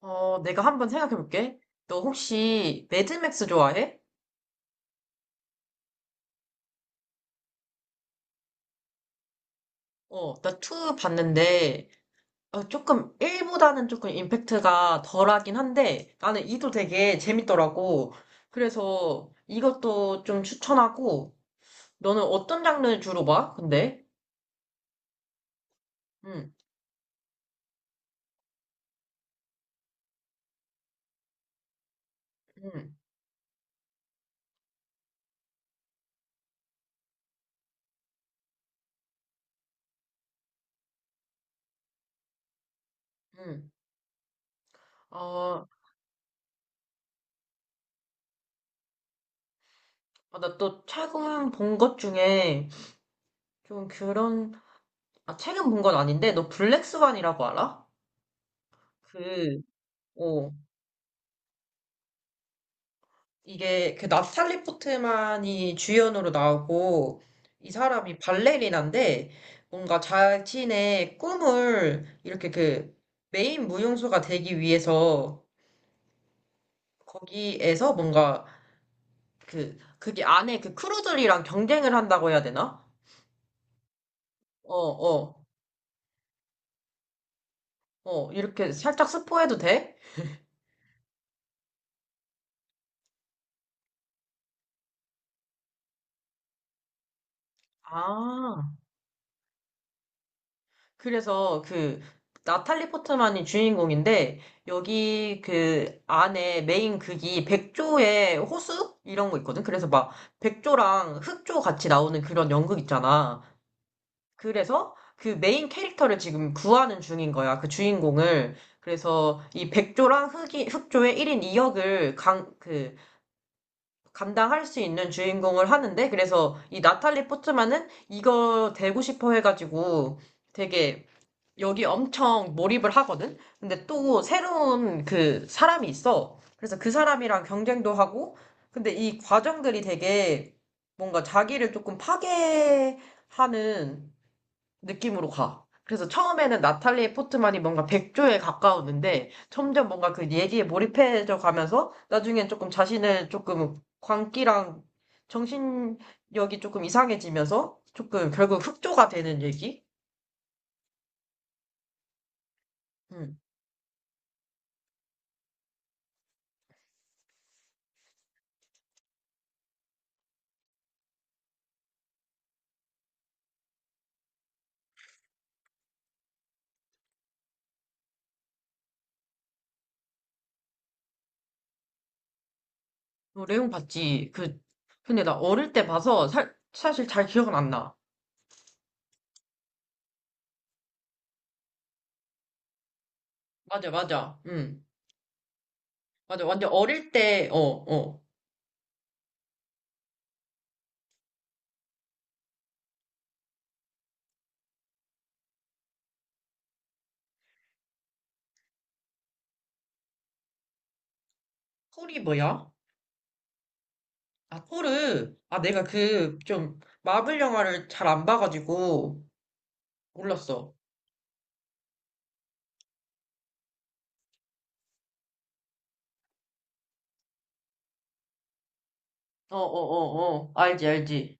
어, 내가 한번 생각해 볼게. 너 혹시 매드맥스 좋아해? 어, 나 2 봤는데, 어, 조금 1보다는 조금 임팩트가 덜하긴 한데, 나는 2도 되게 재밌더라고. 그래서 이것도 좀 추천하고, 너는 어떤 장르 주로 봐? 근데? 응, 응, 응. 어, 아, 나 또 최근 본 것 중에 좀 그런, 아, 최근 본 건 아닌데, 너 블랙스완이라고 알아? 그, 어. 이게 그 나탈리 포트만이 주연으로 나오고 이 사람이 발레리나인데 뭔가 자신의 꿈을 이렇게 그 메인 무용수가 되기 위해서 거기에서 뭔가 그게 안에 그 크루들이랑 경쟁을 한다고 해야 되나? 어, 어, 어, 이렇게 살짝 스포해도 돼? 아, 그래서 그 나탈리 포트만이 주인공인데 여기 그 안에 메인 극이 백조의 호수 이런 거 있거든. 그래서 막 백조랑 흑조 같이 나오는 그런 연극 있잖아. 그래서 그 메인 캐릭터를 지금 구하는 중인 거야. 그 주인공을. 그래서 이 백조랑 흑이 흑조의 1인 2역을 강 그 감당할 수 있는 주인공을 하는데 그래서 이 나탈리 포트만은 이거 되고 싶어 해가지고 되게 여기 엄청 몰입을 하거든? 근데 또 새로운 그 사람이 있어. 그래서 그 사람이랑 경쟁도 하고, 근데 이 과정들이 되게 뭔가 자기를 조금 파괴하는 느낌으로 가. 그래서 처음에는 나탈리 포트만이 뭔가 백조에 가까웠는데, 점점 뭔가 그 얘기에 몰입해져 가면서, 나중엔 조금 자신을 조금 광기랑 정신력이 조금 이상해지면서, 조금 결국 흑조가 되는 얘기? 음. 어, 레옹 봤지. 그, 근데 나 어릴 때 봐서 사실 잘 기억은 안 나. 맞아, 맞아. 응. 맞아. 완전 어릴 때, 어, 어. 폴이 뭐야? 아, 아, 내가 그, 좀, 마블 영화를 잘 안 봐가지고, 몰랐어. 어, 어, 어, 어. 알지, 알지.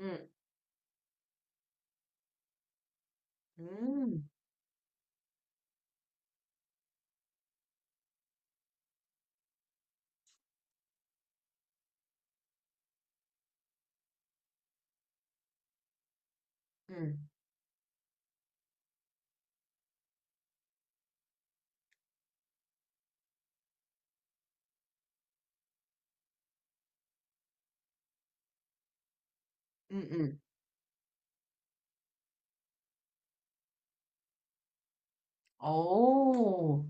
응, 음, 응, 응, 응. 오.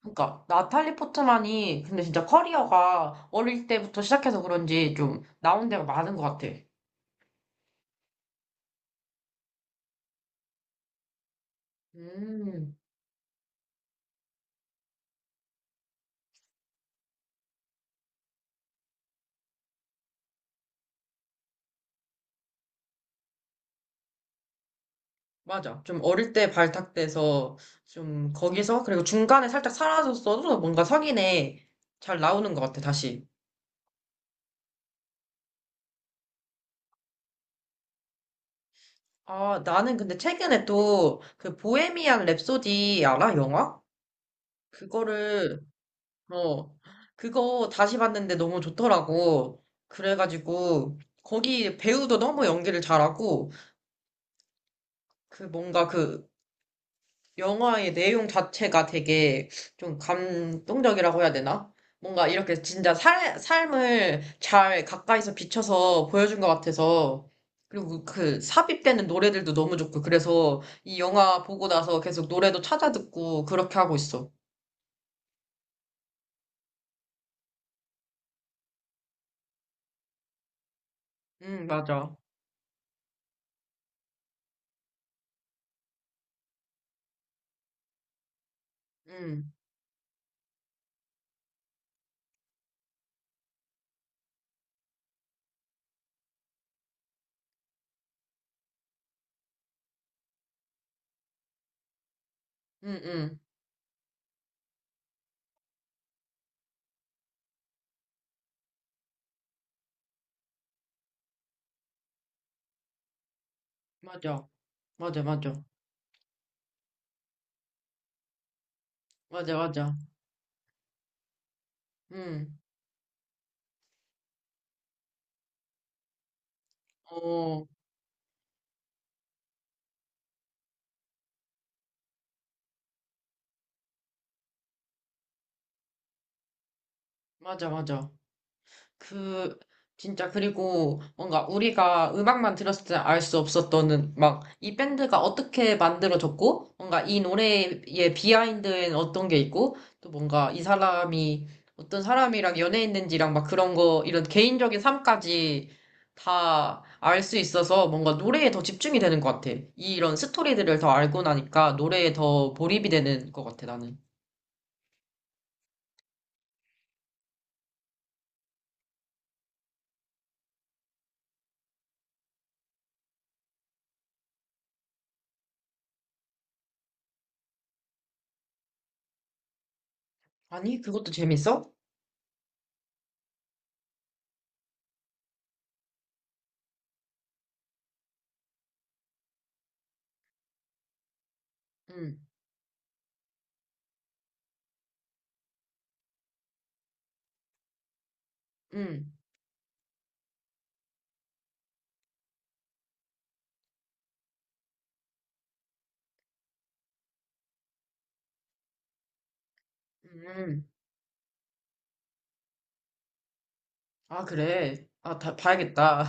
그러니까, 나탈리 포트만이, 근데 진짜 커리어가 어릴 때부터 시작해서 그런지 좀 나온 데가 많은 것 같아. 음. 맞아. 좀 어릴 때 발탁돼서 좀 거기서 그리고 중간에 살짝 사라졌어도 뭔가 석인에 잘 나오는 것 같아, 다시. 아, 나는 근데 최근에 또 그 보헤미안 랩소디 알아? 영화? 그거를 어 그거 다시 봤는데 너무 좋더라고. 그래가지고 거기 배우도 너무 연기를 잘하고 그 뭔가 그 영화의 내용 자체가 되게 좀 감동적이라고 해야 되나? 뭔가 이렇게 진짜 삶을 잘 가까이서 비춰서 보여준 것 같아서, 그리고 그 그 삽입되는 노래들도 너무 좋고, 그래서 이 영화 보고 나서 계속 노래도 찾아 듣고 그렇게 하고 있어. 응, 맞아. 응, 응, 응. 맞아. 맞아, 맞아. 맞아, 맞아. 응, 어, 맞아, 맞아. 그 진짜 그리고 뭔가 우리가 음악만 들었을 때 알 수 없었던 막 이 밴드가 어떻게 만들어졌고 뭔가 이 노래의 비하인드엔 어떤 게 있고 또 뭔가 이 사람이 어떤 사람이랑 연애했는지랑 막 그런 거 이런 개인적인 삶까지 다 알 수 있어서 뭔가 노래에 더 집중이 되는 것 같아. 이런 스토리들을 더 알고 나니까 노래에 더 몰입이 되는 것 같아 나는. 아니 그것도 재밌어? 응, 응, 응. 아, 그래. 아, 다, 봐야겠다.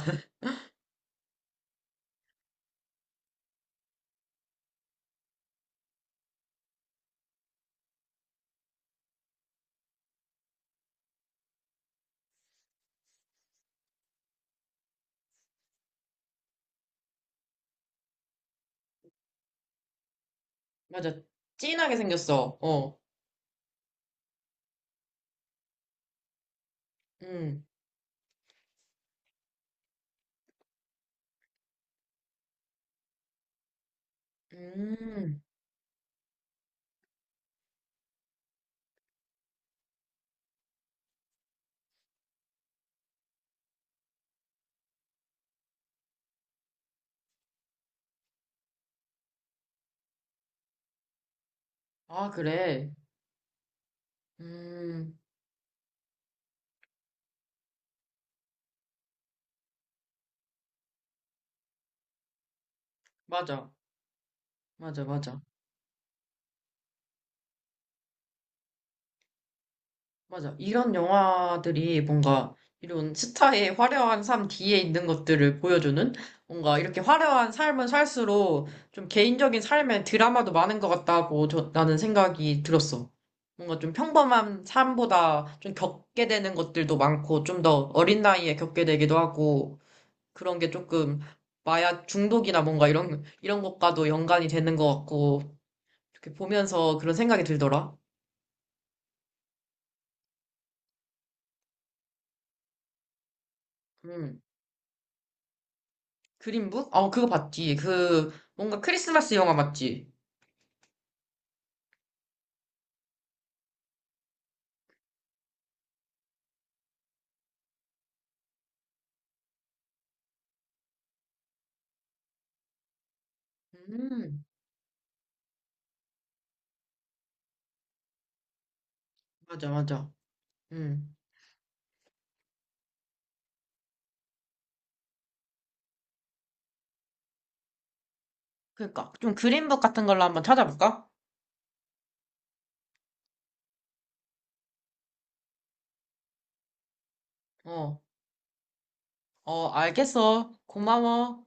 맞아. 찐하게 생겼어. 어. 음. 음. 아, 그래. 음. 맞아. 맞아, 맞아. 맞아. 이런 영화들이 뭔가 이런 스타의 화려한 삶 뒤에 있는 것들을 보여주는 뭔가 이렇게 화려한 삶을 살수록 좀 개인적인 삶의 드라마도 많은 것 같다고 나는 생각이 들었어. 뭔가 좀 평범한 삶보다 좀 겪게 되는 것들도 많고 좀 더 어린 나이에 겪게 되기도 하고 그런 게 조금 마약 중독이나 뭔가 이런 것과도 연관이 되는 것 같고, 이렇게 보면서 그런 생각이 들더라. 음. 그린북? 어, 그거 봤지. 그, 뭔가 크리스마스 영화 맞지? 음, 맞아, 맞아. 음. 그러니까, 좀 그린북 같은 걸로 한번 찾아볼까? 어, 어, 알겠어. 고마워.